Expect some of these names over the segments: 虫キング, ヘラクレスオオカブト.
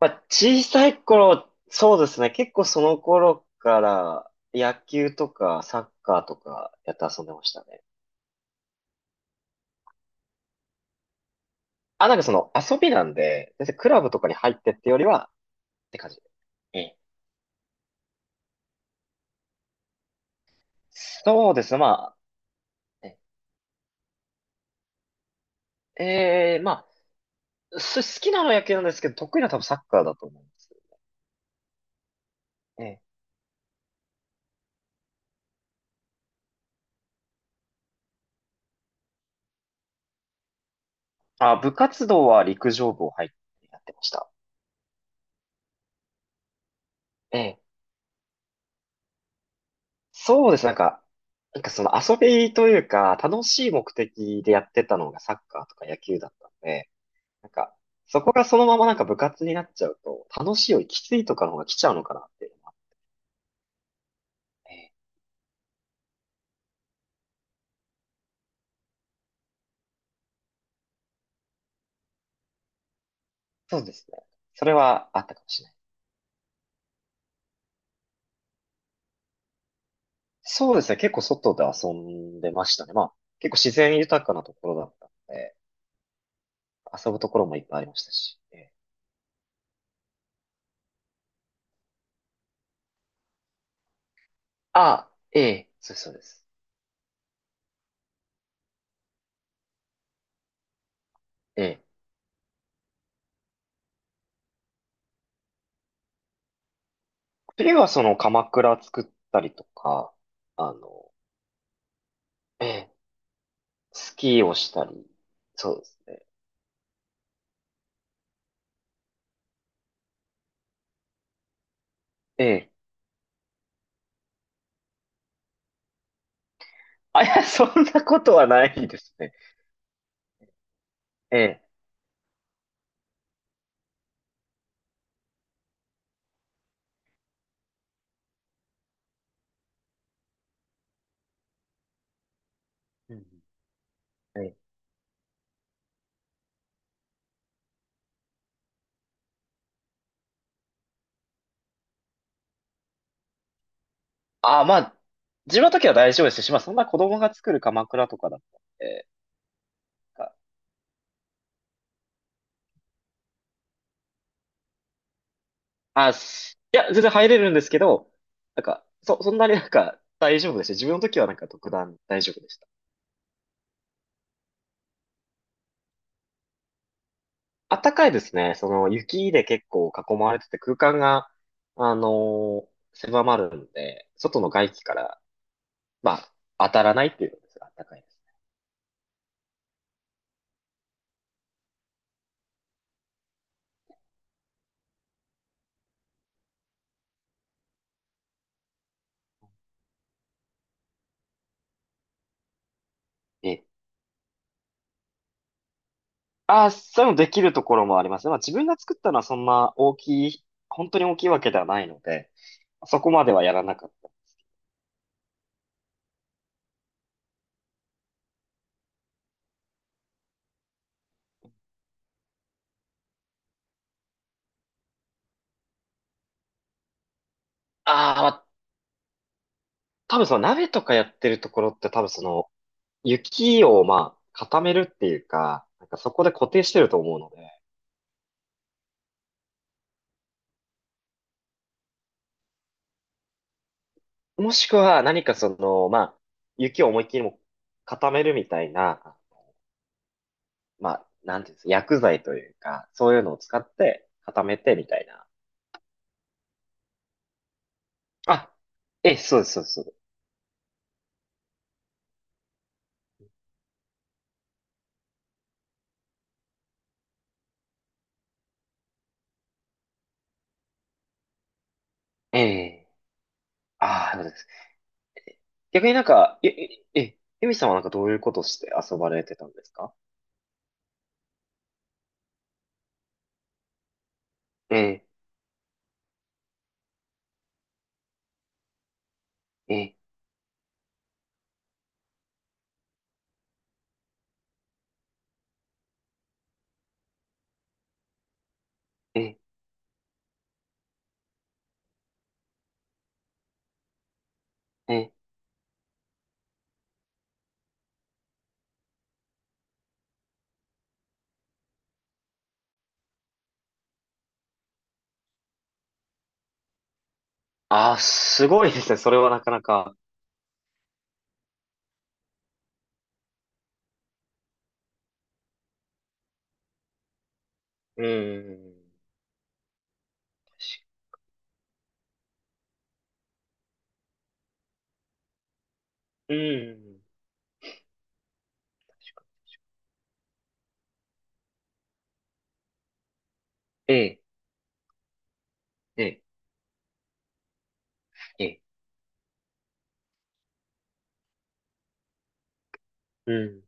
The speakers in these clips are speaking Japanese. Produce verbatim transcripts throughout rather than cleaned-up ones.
まあ、小さい頃、そうですね。結構その頃から野球とかサッカーとかやって遊んでましたね。あ、なんかその遊びなんで、別にクラブとかに入ってってよりはって感じ。ええ。そうですね。まあ、ええ、ええ、まあ、す好きなのは野球なんですけど、得意なのは多分サッカーだと思うんです。ええ。あ、部活動は陸上部を入ってやってました。ええ。そうです。なんか、なんかその遊びというか、楽しい目的でやってたのがサッカーとか野球だったんで、なんか、そこがそのままなんか部活になっちゃうと、楽しいよりきついとかの方が来ちゃうのかなっていうのは、ええ、そうですね。それはあったかもしれない。そうですね。結構外で遊んでましたね。まあ、結構自然豊かなところだったので、遊ぶところもいっぱいありましたし。ええ。あ、ええ、そうですそうです。ええ。次はその鎌倉作ったりとか、あの、ええスキーをしたり。そうですね。ええ。あ、いや、そんなことはないですね。ええ。うんうん、ええ。あ、まあ、自分の時は大丈夫ですし、まあ、そんな子供が作る鎌倉とかだったんで、なんかあ、あいや、全然入れるんですけど、なんか、そ、そんなになんか大丈夫でした。自分の時はなんか特段大丈夫でした。あったかいですね。その、雪で結構囲まれてて空間が、あのー狭まるんで、外の外気から、まあ、当たらないっていうのですが、あったかいです。ええ。ああ、そういうのできるところもありますね。まあ自分が作ったのはそんな大きい、本当に大きいわけではないので、そこまではやらなかった。ああ、まあ、多分その鍋とかやってるところって多分その雪をまあ固めるっていうか、なんかそこで固定してると思うので、もしくは何かその、まあ、雪を思いっきりも固めるみたいな、まあ、なんていうんですか、薬剤というか、そういうのを使って固めてみたいな。あ、ええ、そうです、そうです。そうですええ。ああ、逆になんか、え、え、え、エミさんはなんかどういうことして遊ばれてたんですか？ええ、ええ、ええ、え、ああー、すごいですね。それはなかなか。うん。うん。ええ、ええ、ええ、うん。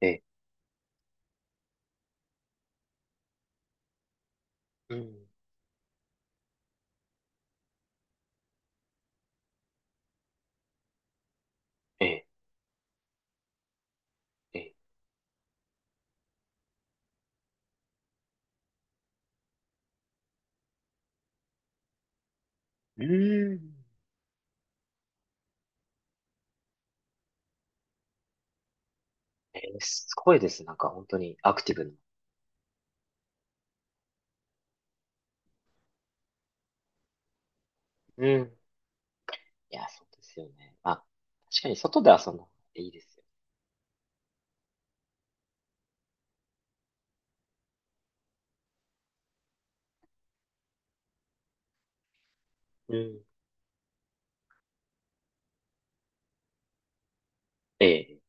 ええ、うん。ええ、ええ、うん。ええ、すごいです。なんか本当にアクティブな。うん。いや、そうですよね。まあ、確かに外で遊んだ方がいいですよ。うん。ええ、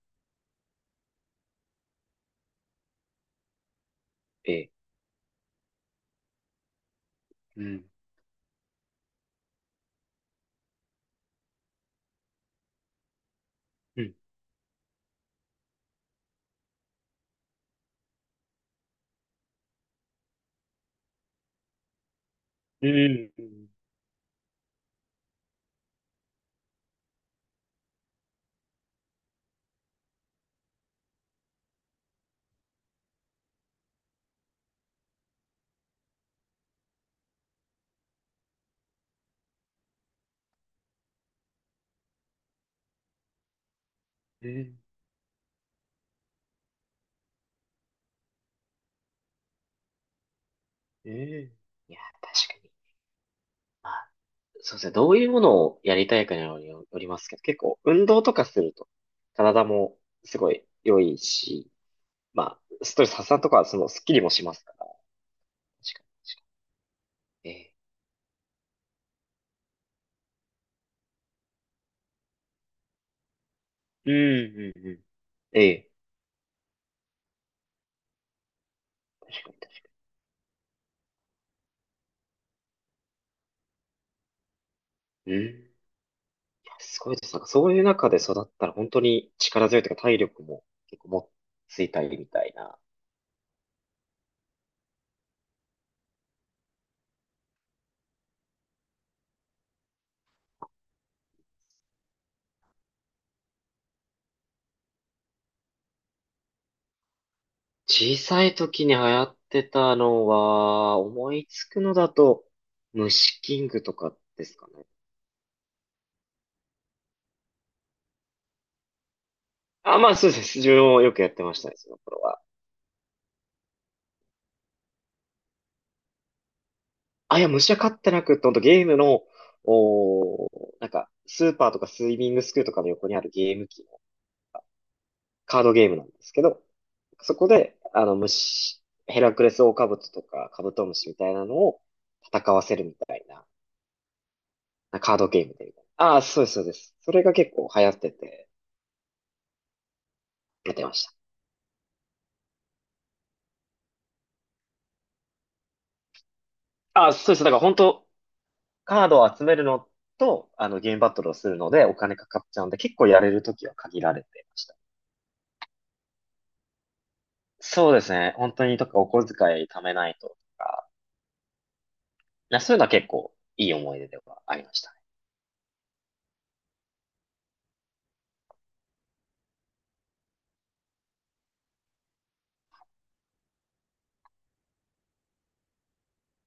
ええ、うん。うん。うん。うん。うん、ええ。いや、確かに。まあ、そうですね。どういうものをやりたいかによりよりますけど、結構運動とかすると、体もすごい良いし、まあ、ストレス発散とかはそのスッキリもしますから。確かに。ええ。うん、うん、うん。え、ええ。確かに、確かに。うん。いや、すごいです。なんかそういう中で育ったら本当に力強いというか体力も結構もついたりみたいな。小さい時に流行ってたのは、思いつくのだと、虫キングとかですかね。あ、まあそうです。自分もよくやってましたね、その頃は。あ、いや、虫は飼ってなくって、ほんとゲームの、おー、なんか、スーパーとかスイミングスクールとかの横にあるゲーム機のカードゲームなんですけど、そこで、あの、虫、ヘラクレスオオカブトとかカブトムシみたいなのを戦わせるみたいな、カードゲームでみたいな。ああ、そうです、そうです。それが結構流行ってて、やってました。あ、そうです。だから本当、カードを集めるのと、あの、ゲームバトルをするので、お金かかっちゃうんで、結構やれるときは限られてました。そうですね。本当に、とか、お小遣い貯めないととか、いやそういうのは結構いい思い出ではありました。